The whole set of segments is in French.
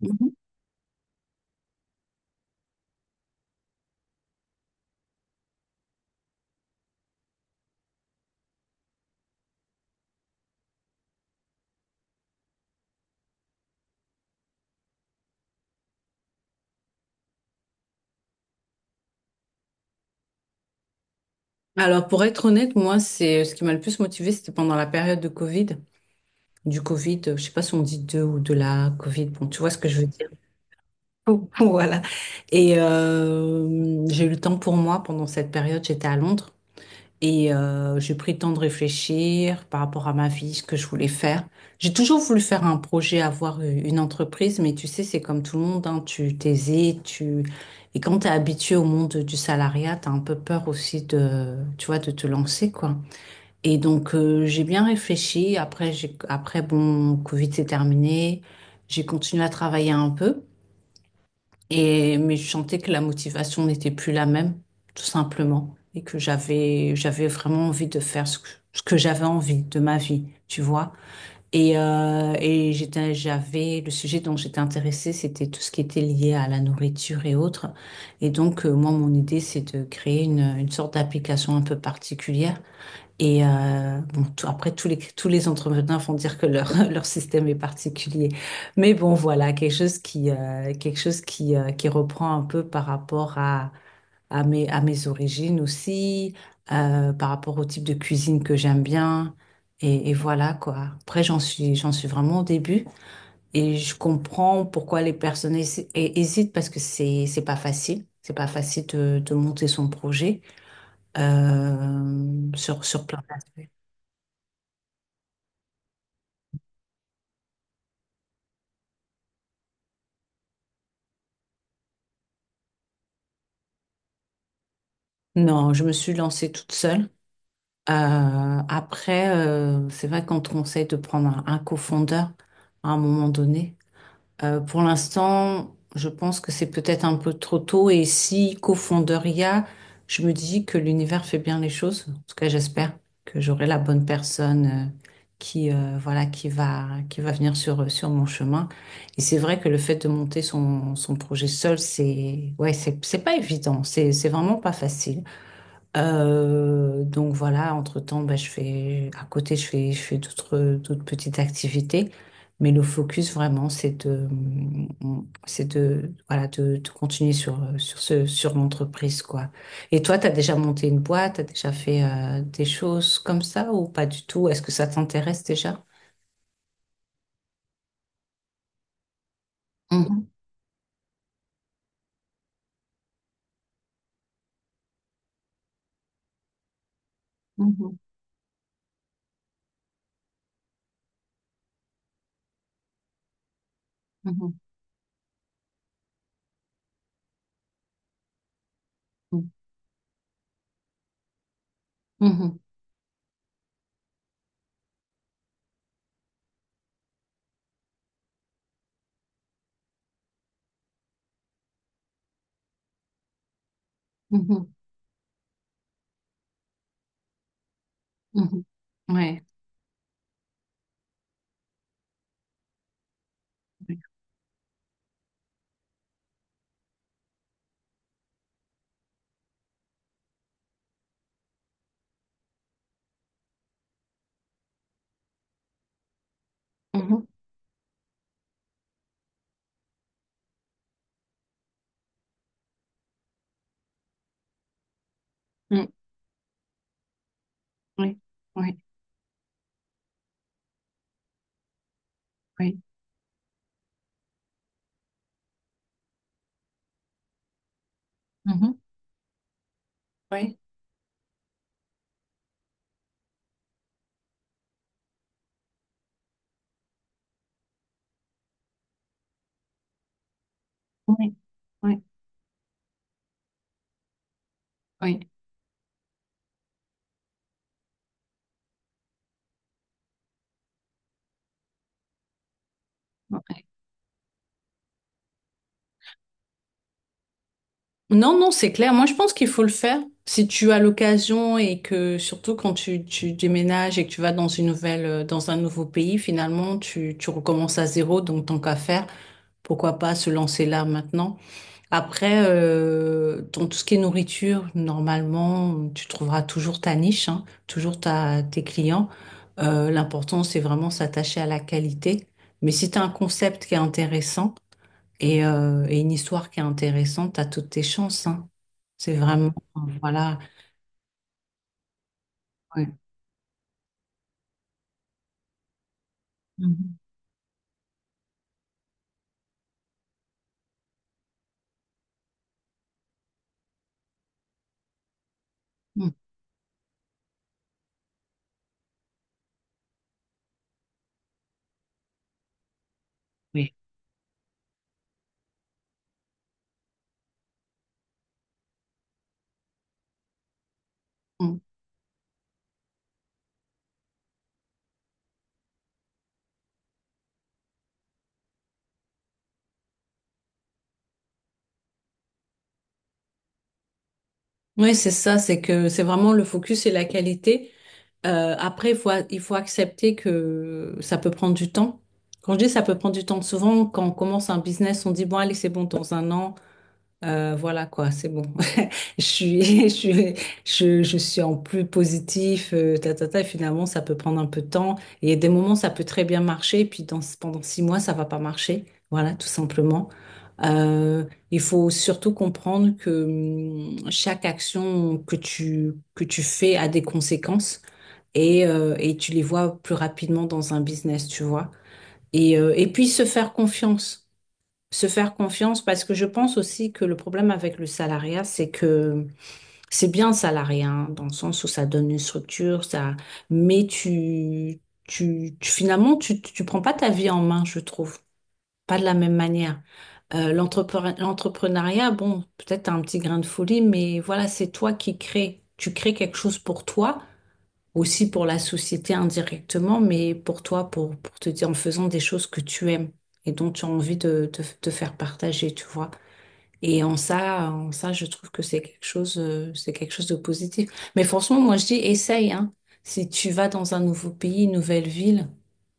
Mhm. Alors, pour être honnête, moi, c'est ce qui m'a le plus motivée, c'était pendant la période de Covid. Du Covid, je sais pas si on dit deux ou de la Covid. Bon, tu vois ce que je veux dire. Voilà. Et j'ai eu le temps pour moi pendant cette période. J'étais à Londres. Et j'ai pris le temps de réfléchir par rapport à ma vie, ce que je voulais faire. J'ai toujours voulu faire un projet, avoir une entreprise, mais tu sais, c'est comme tout le monde, hein, tu t'hésites, tu... Et quand tu es habitué au monde du salariat, tu as un peu peur aussi de, tu vois, de te lancer, quoi. Et donc, j'ai bien réfléchi. Après, j'ai... Après, bon, Covid s'est terminé. J'ai continué à travailler un peu. Et, mais je sentais que la motivation n'était plus la même, tout simplement, et que j'avais, j'avais vraiment envie de faire ce que j'avais envie de ma vie, tu vois. Et j'étais, j'avais, le sujet dont j'étais intéressée, c'était tout ce qui était lié à la nourriture et autres. Et donc, moi, mon idée, c'est de créer une sorte d'application un peu particulière et bon, après, tous les entrepreneurs vont dire que leur, leur système est particulier. Mais bon, voilà, quelque chose qui reprend un peu par rapport à, à mes origines aussi, par rapport au type de cuisine que j'aime bien. Et voilà, quoi. Après, j'en suis vraiment au début. Et je comprends pourquoi les personnes hésitent parce que c'est pas facile. C'est pas facile de monter son projet sur plein d'aspects. Non, je me suis lancée toute seule. Après, c'est vrai qu'on te conseille de prendre un cofondeur à un moment donné. Pour l'instant, je pense que c'est peut-être un peu trop tôt. Et si cofondeur il y a, je me dis que l'univers fait bien les choses. En tout cas, j'espère que j'aurai la bonne personne euh, qui, voilà, qui va venir sur mon chemin. Et c'est vrai que le fait de monter son projet seul, c'est, ouais, c'est pas évident. C'est vraiment pas facile. Donc voilà, entre-temps, bah, je fais, à côté, je fais d'autres petites activités. Mais le focus vraiment, c'est de, voilà, de continuer sur l'entreprise, quoi. Et toi, tu as déjà monté une boîte, tu as déjà fait des choses comme ça ou pas du tout? Est-ce que ça t'intéresse déjà? Mhm, mhm, mhm, mhm, mhm, mhm, mhm. Ouais. Mhm, mhm, oui, oui, oui, mhm, oui, oui, oui. Oui. Ouais. Non, non, c'est clair. Moi, je pense qu'il faut le faire. Si tu as l'occasion et que surtout quand tu déménages et que tu vas dans dans un nouveau pays, finalement, tu recommences à zéro. Donc, tant qu'à faire, pourquoi pas se lancer là maintenant. Après, dans tout ce qui est nourriture, normalement, tu trouveras toujours ta niche, hein, toujours tes clients. L'important, c'est vraiment s'attacher à la qualité. Mais si tu as un concept qui est intéressant, et une histoire qui est intéressante, à toutes tes chances, hein. C'est vraiment, voilà. Ouais. Mhm. Mhm. Oui. Mhm. Oui, c'est ça, c'est que c'est vraiment le focus et la qualité. Après, il faut accepter que ça peut prendre du temps. Quand je dis ça peut prendre du temps, souvent, quand on commence un business, on dit, bon, allez, c'est bon, dans un an, voilà quoi, c'est bon. Je suis, je suis en plus positif, ta, ta, ta, et finalement, ça peut prendre un peu de temps. Et il y a des moments, ça peut très bien marcher, et puis pendant 6 mois, ça va pas marcher. Voilà, tout simplement. Euh, il faut surtout comprendre que chaque action que tu fais a des conséquences et tu les vois plus rapidement dans un business, tu vois. Et puis se faire confiance. Se faire confiance parce que je pense aussi que le problème avec le salariat, c'est que c'est bien salarié, hein, dans le sens où ça donne une structure, ça, mais finalement, tu prends pas ta vie en main, je trouve, pas de la même manière. L'entrepreneuriat, bon, peut-être un petit grain de folie, mais voilà, c'est toi qui crées. Tu crées quelque chose pour toi, aussi pour la société indirectement, mais pour toi, pour te dire en faisant des choses que tu aimes et dont tu as envie de te faire partager, tu vois. Et en ça, je trouve que c'est quelque chose de positif. Mais franchement, moi, je dis, essaye, hein. Si tu vas dans un nouveau pays, une nouvelle ville,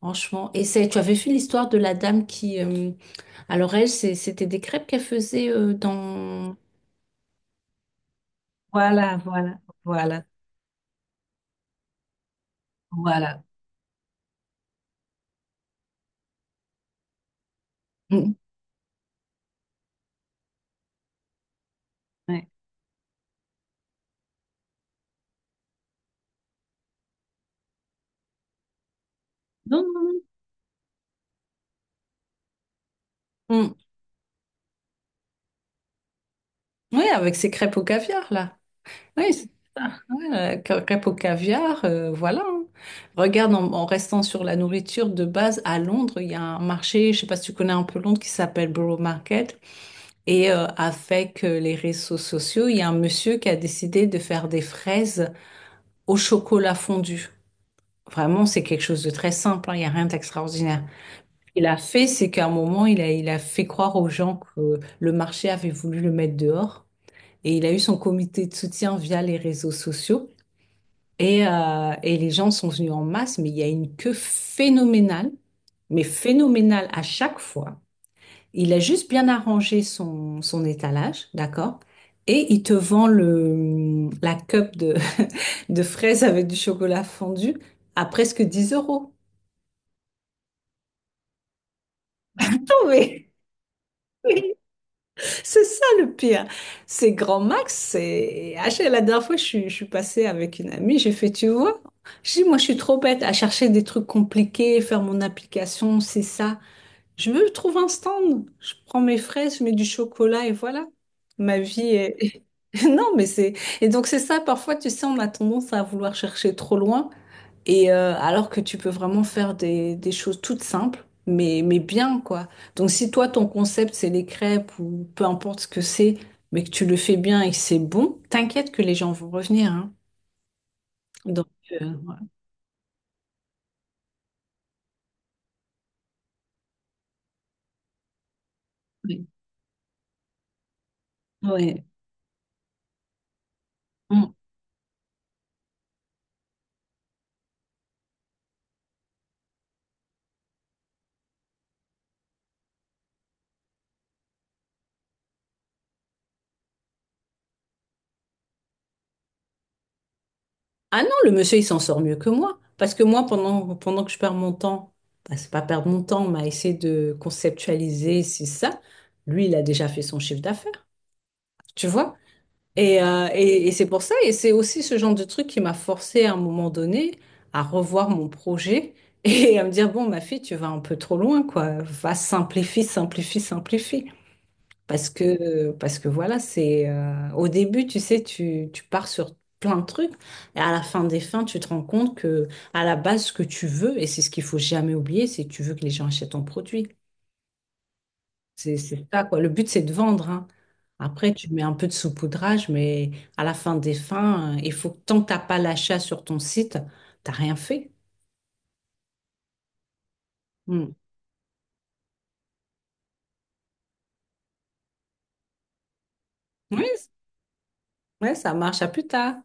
franchement, essaye. Tu avais vu l'histoire de la dame qui, alors elle, c'était des crêpes qu'elle faisait dans. Voilà, voilà, voilà, voilà. Mm. Ouais. Non, non, non. Mm. Oui, avec ses crêpes au caviar, là. Oui, c'est ça. Ouais, crêpes au caviar, voilà. Hein. Regarde, en restant sur la nourriture de base, à Londres, il y a un marché, je sais pas si tu connais un peu Londres, qui s'appelle Borough Market. Et avec les réseaux sociaux, il y a un monsieur qui a décidé de faire des fraises au chocolat fondu. Vraiment, c'est quelque chose de très simple, hein, il n'y a rien d'extraordinaire. Il a fait, c'est qu'à un moment, il a fait croire aux gens que le marché avait voulu le mettre dehors. Et il a eu son comité de soutien via les réseaux sociaux. Et les gens sont venus en masse, mais il y a une queue phénoménale, mais phénoménale à chaque fois. Il a juste bien arrangé son étalage, d'accord? Et il te vend la cup de, de fraises avec du chocolat fondu à presque 10 euros. Non, mais c'est ça le pire. C'est Grand Max. C'est... Ah, la dernière fois, je suis passée avec une amie, j'ai fait, tu vois, je dis, moi, je suis trop bête à chercher des trucs compliqués, faire mon application, c'est ça. Je me trouve un stand, je prends mes fraises, je mets du chocolat et voilà. Ma vie est... Non, mais c'est... Et donc c'est ça, parfois, tu sais, on a tendance à vouloir chercher trop loin, et alors que tu peux vraiment faire des choses toutes simples, mais bien, quoi. Donc si toi, ton concept, c'est les crêpes ou peu importe ce que c'est, mais que tu le fais bien et que c'est bon, t'inquiète que les gens vont revenir, hein. Donc, euh, ouais. Ouais. Ouais. Mm. Ah non, le monsieur, il s'en sort mieux que moi. Parce que moi, pendant que je perds mon temps, bah, c'est pas perdre mon temps, mais à essayer de conceptualiser, c'est ça. Lui, il a déjà fait son chiffre d'affaires, tu vois. Et c'est pour ça, et c'est aussi ce genre de truc qui m'a forcé à un moment donné à revoir mon projet et à me dire, bon, ma fille, tu vas un peu trop loin, quoi. Va, simplifie, simplifie, simplifie. Parce que voilà, c'est au début, tu sais, tu pars sur plein de trucs, et à la fin des fins, tu te rends compte que à la base, ce que tu veux, et c'est ce qu'il faut jamais oublier, c'est que tu veux que les gens achètent ton produit. C'est ça, quoi. Le but, c'est de vendre, hein. Après, tu mets un peu de saupoudrage, mais à la fin des fins, il faut que tant que t'as pas l'achat sur ton site, t'as rien fait. Hmm. Oui, ouais, ça marche. À plus tard.